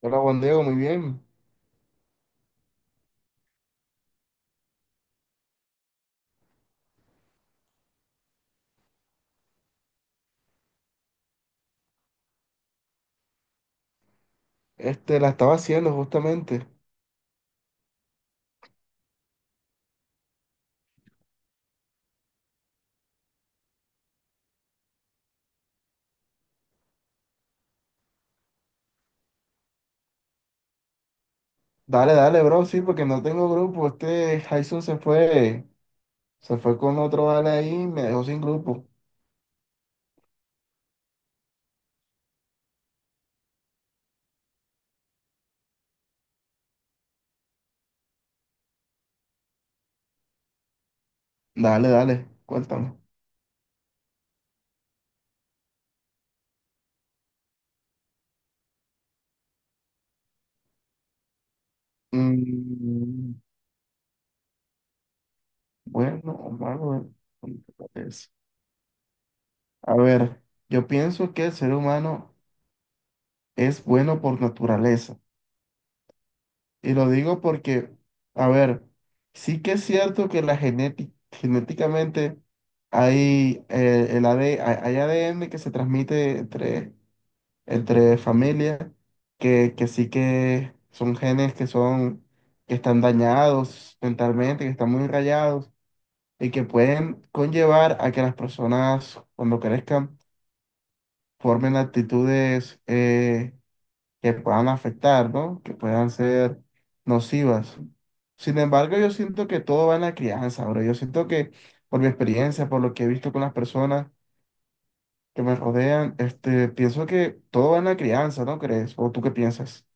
Hola Juan Diego, muy bien. Este, la estaba haciendo justamente. Dale, dale, bro, sí, porque no tengo grupo. Este Jason se fue con otro vale ahí y me dejó sin grupo. Dale, dale, cuéntame. Mm, bueno, Omar, bueno, ¿cómo te parece? A ver, yo pienso que el ser humano es bueno por naturaleza. Y lo digo porque, a ver, sí que es cierto que la genética, genéticamente hay, el AD hay hay ADN que se transmite entre, entre familias, que, sí que son genes que son, que están dañados mentalmente, que están muy rayados y que pueden conllevar a que las personas cuando crezcan formen actitudes, que puedan afectar, ¿no? Que puedan ser nocivas. Sin embargo, yo siento que todo va en la crianza, bro. Yo siento que por mi experiencia, por lo que he visto con las personas que me rodean, este, pienso que todo va en la crianza, ¿no crees? ¿O tú qué piensas?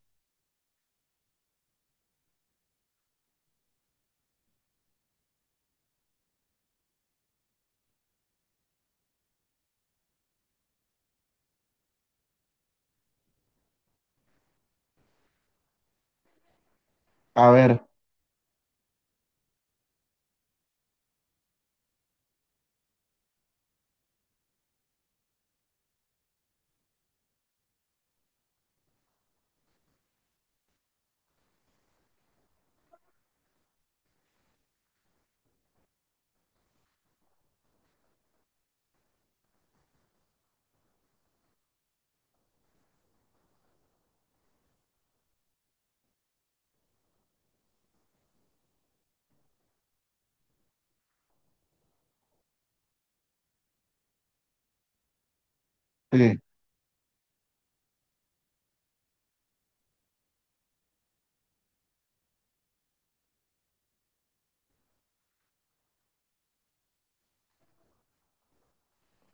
A ver, sí,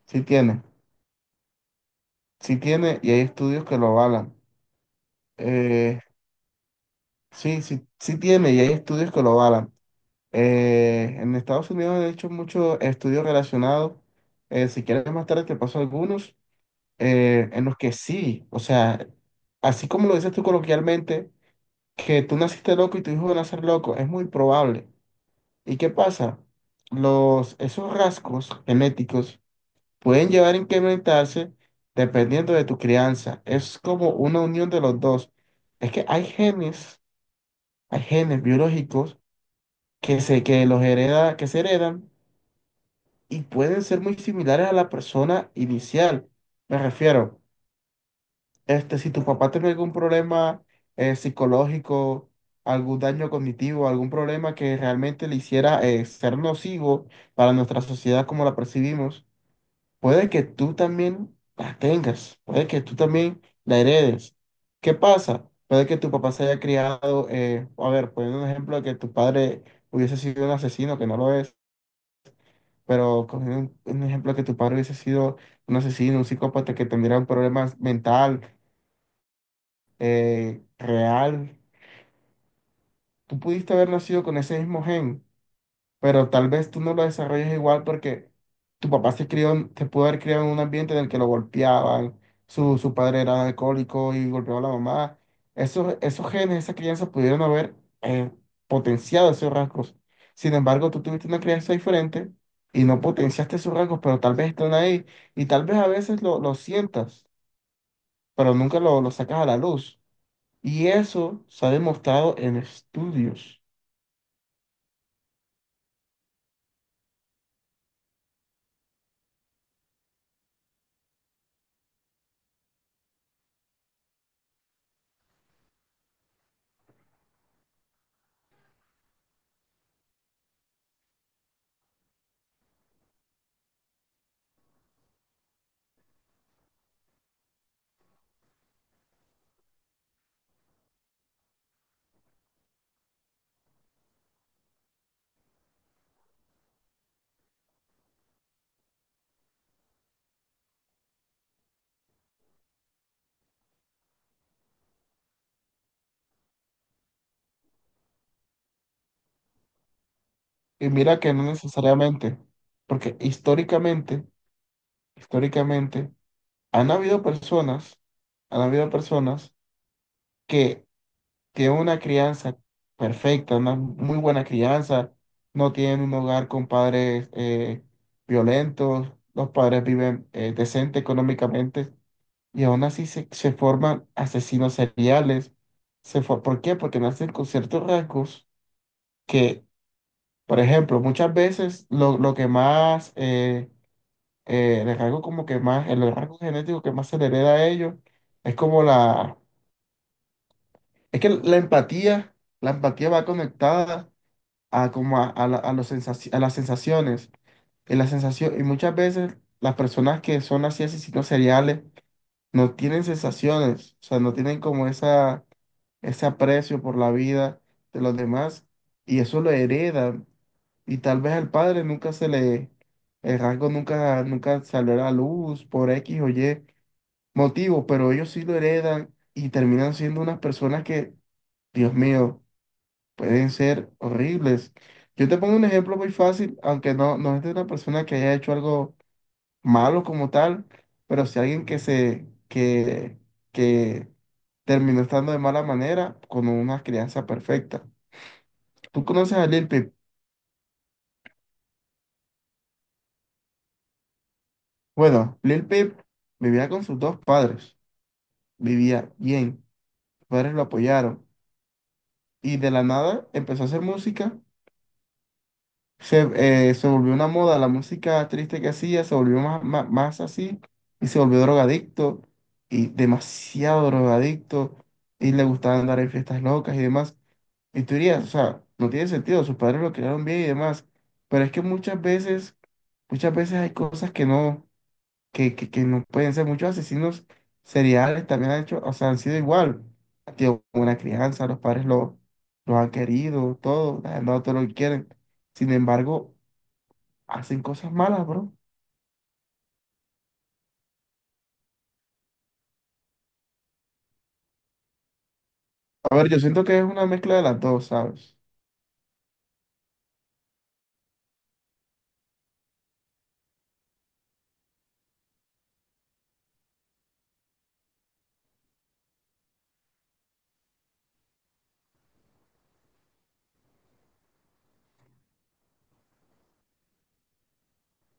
sí tiene, sí tiene y hay estudios que lo avalan. Eh, sí, sí tiene y hay estudios que lo avalan. En Estados Unidos han hecho muchos estudios relacionados. Si quieres más tarde te paso algunos en los que sí, o sea, así como lo dices tú coloquialmente, que tú naciste loco y tu hijo va a nacer loco, es muy probable. ¿Y qué pasa? Esos rasgos genéticos pueden llevar a incrementarse dependiendo de tu crianza. Es como una unión de los dos. Es que hay genes biológicos que los hereda, que se heredan y pueden ser muy similares a la persona inicial. Me refiero. Este, si tu papá tiene algún problema psicológico, algún daño cognitivo, algún problema que realmente le hiciera ser nocivo para nuestra sociedad como la percibimos, puede que tú también la tengas, puede que tú también la heredes. ¿Qué pasa? Puede que tu papá se haya criado, a ver, poniendo un ejemplo de que tu padre hubiese sido un asesino, que no lo es, pero cogiendo un ejemplo de que tu padre hubiese sido un asesino, un psicópata que tendría un problema mental real. Tú pudiste haber nacido con ese mismo gen, pero tal vez tú no lo desarrolles igual porque tu papá se crió, se pudo haber criado en un ambiente en el que lo golpeaban, su padre era alcohólico y golpeaba a la mamá. Esos genes, esa crianza pudieron haber eh, potenciado esos rasgos. Sin embargo, tú tuviste una crianza diferente y no potenciaste esos rasgos, pero tal vez están ahí y tal vez a veces lo sientas, pero nunca lo sacas a la luz. Y eso se ha demostrado en estudios. Y mira que no necesariamente, porque históricamente, históricamente, han habido personas, han habido personas que tienen una crianza perfecta, una muy buena crianza, no tienen un hogar con padres violentos, los padres viven decente económicamente y aún así se forman asesinos seriales. ¿Por qué? Porque nacen con ciertos rasgos que por ejemplo, muchas veces lo que más, el rasgo como que más, el rasgo genético que más se le hereda a ellos es como es que la empatía va conectada a como a a las sensaciones, y la sensación, y muchas veces las personas que son así asesinos seriales no tienen sensaciones, o sea, no tienen como esa ese aprecio por la vida de los demás y eso lo heredan. Y tal vez al padre nunca se le, el rasgo nunca, nunca salió a la luz por X o Y motivo, pero ellos sí lo heredan y terminan siendo unas personas que, Dios mío, pueden ser horribles. Yo te pongo un ejemplo muy fácil, aunque no, no es de una persona que haya hecho algo malo como tal, pero si alguien que terminó estando de mala manera con una crianza perfecta. ¿Tú conoces a Lil Peep? Bueno, Lil Peep vivía con sus dos padres, vivía bien, sus padres lo apoyaron y de la nada empezó a hacer música, se, se volvió una moda, la música triste que hacía se volvió más, más así y se volvió drogadicto y demasiado drogadicto y le gustaba andar en fiestas locas y demás. Y tú dirías, o sea, no tiene sentido, sus padres lo crearon bien y demás. Pero es que muchas veces hay cosas que no, que no pueden ser. Muchos asesinos seriales también han hecho, o sea, han sido igual. Han tenido buena crianza, los han querido, todo, les han dado todo lo que quieren. Sin embargo, hacen cosas malas, bro. A ver, yo siento que es una mezcla de las dos, ¿sabes?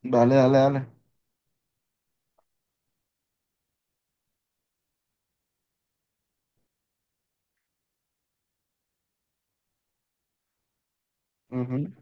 Dale, dale, dale. Ujú.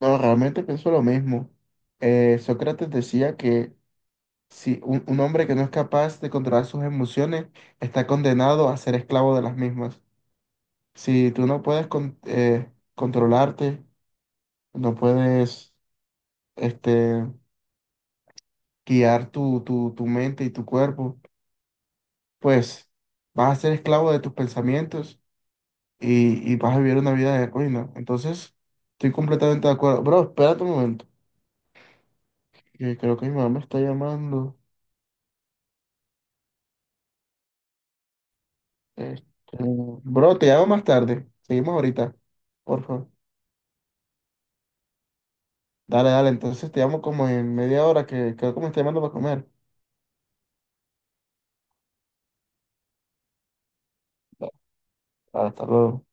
No, realmente pienso lo mismo. Sócrates decía que si un hombre que no es capaz de controlar sus emociones está condenado a ser esclavo de las mismas. Si tú no puedes controlarte, no puedes este, guiar tu, tu mente y tu cuerpo, pues vas a ser esclavo de tus pensamientos y vas a vivir una vida de ruina. Entonces, estoy completamente de acuerdo. Bro, espérate un momento, que creo que mi mamá me está llamando. Este, bro, te llamo más tarde. Seguimos ahorita, por favor. Dale, dale, entonces te llamo como en media hora que creo que me está llamando para comer. Hasta luego.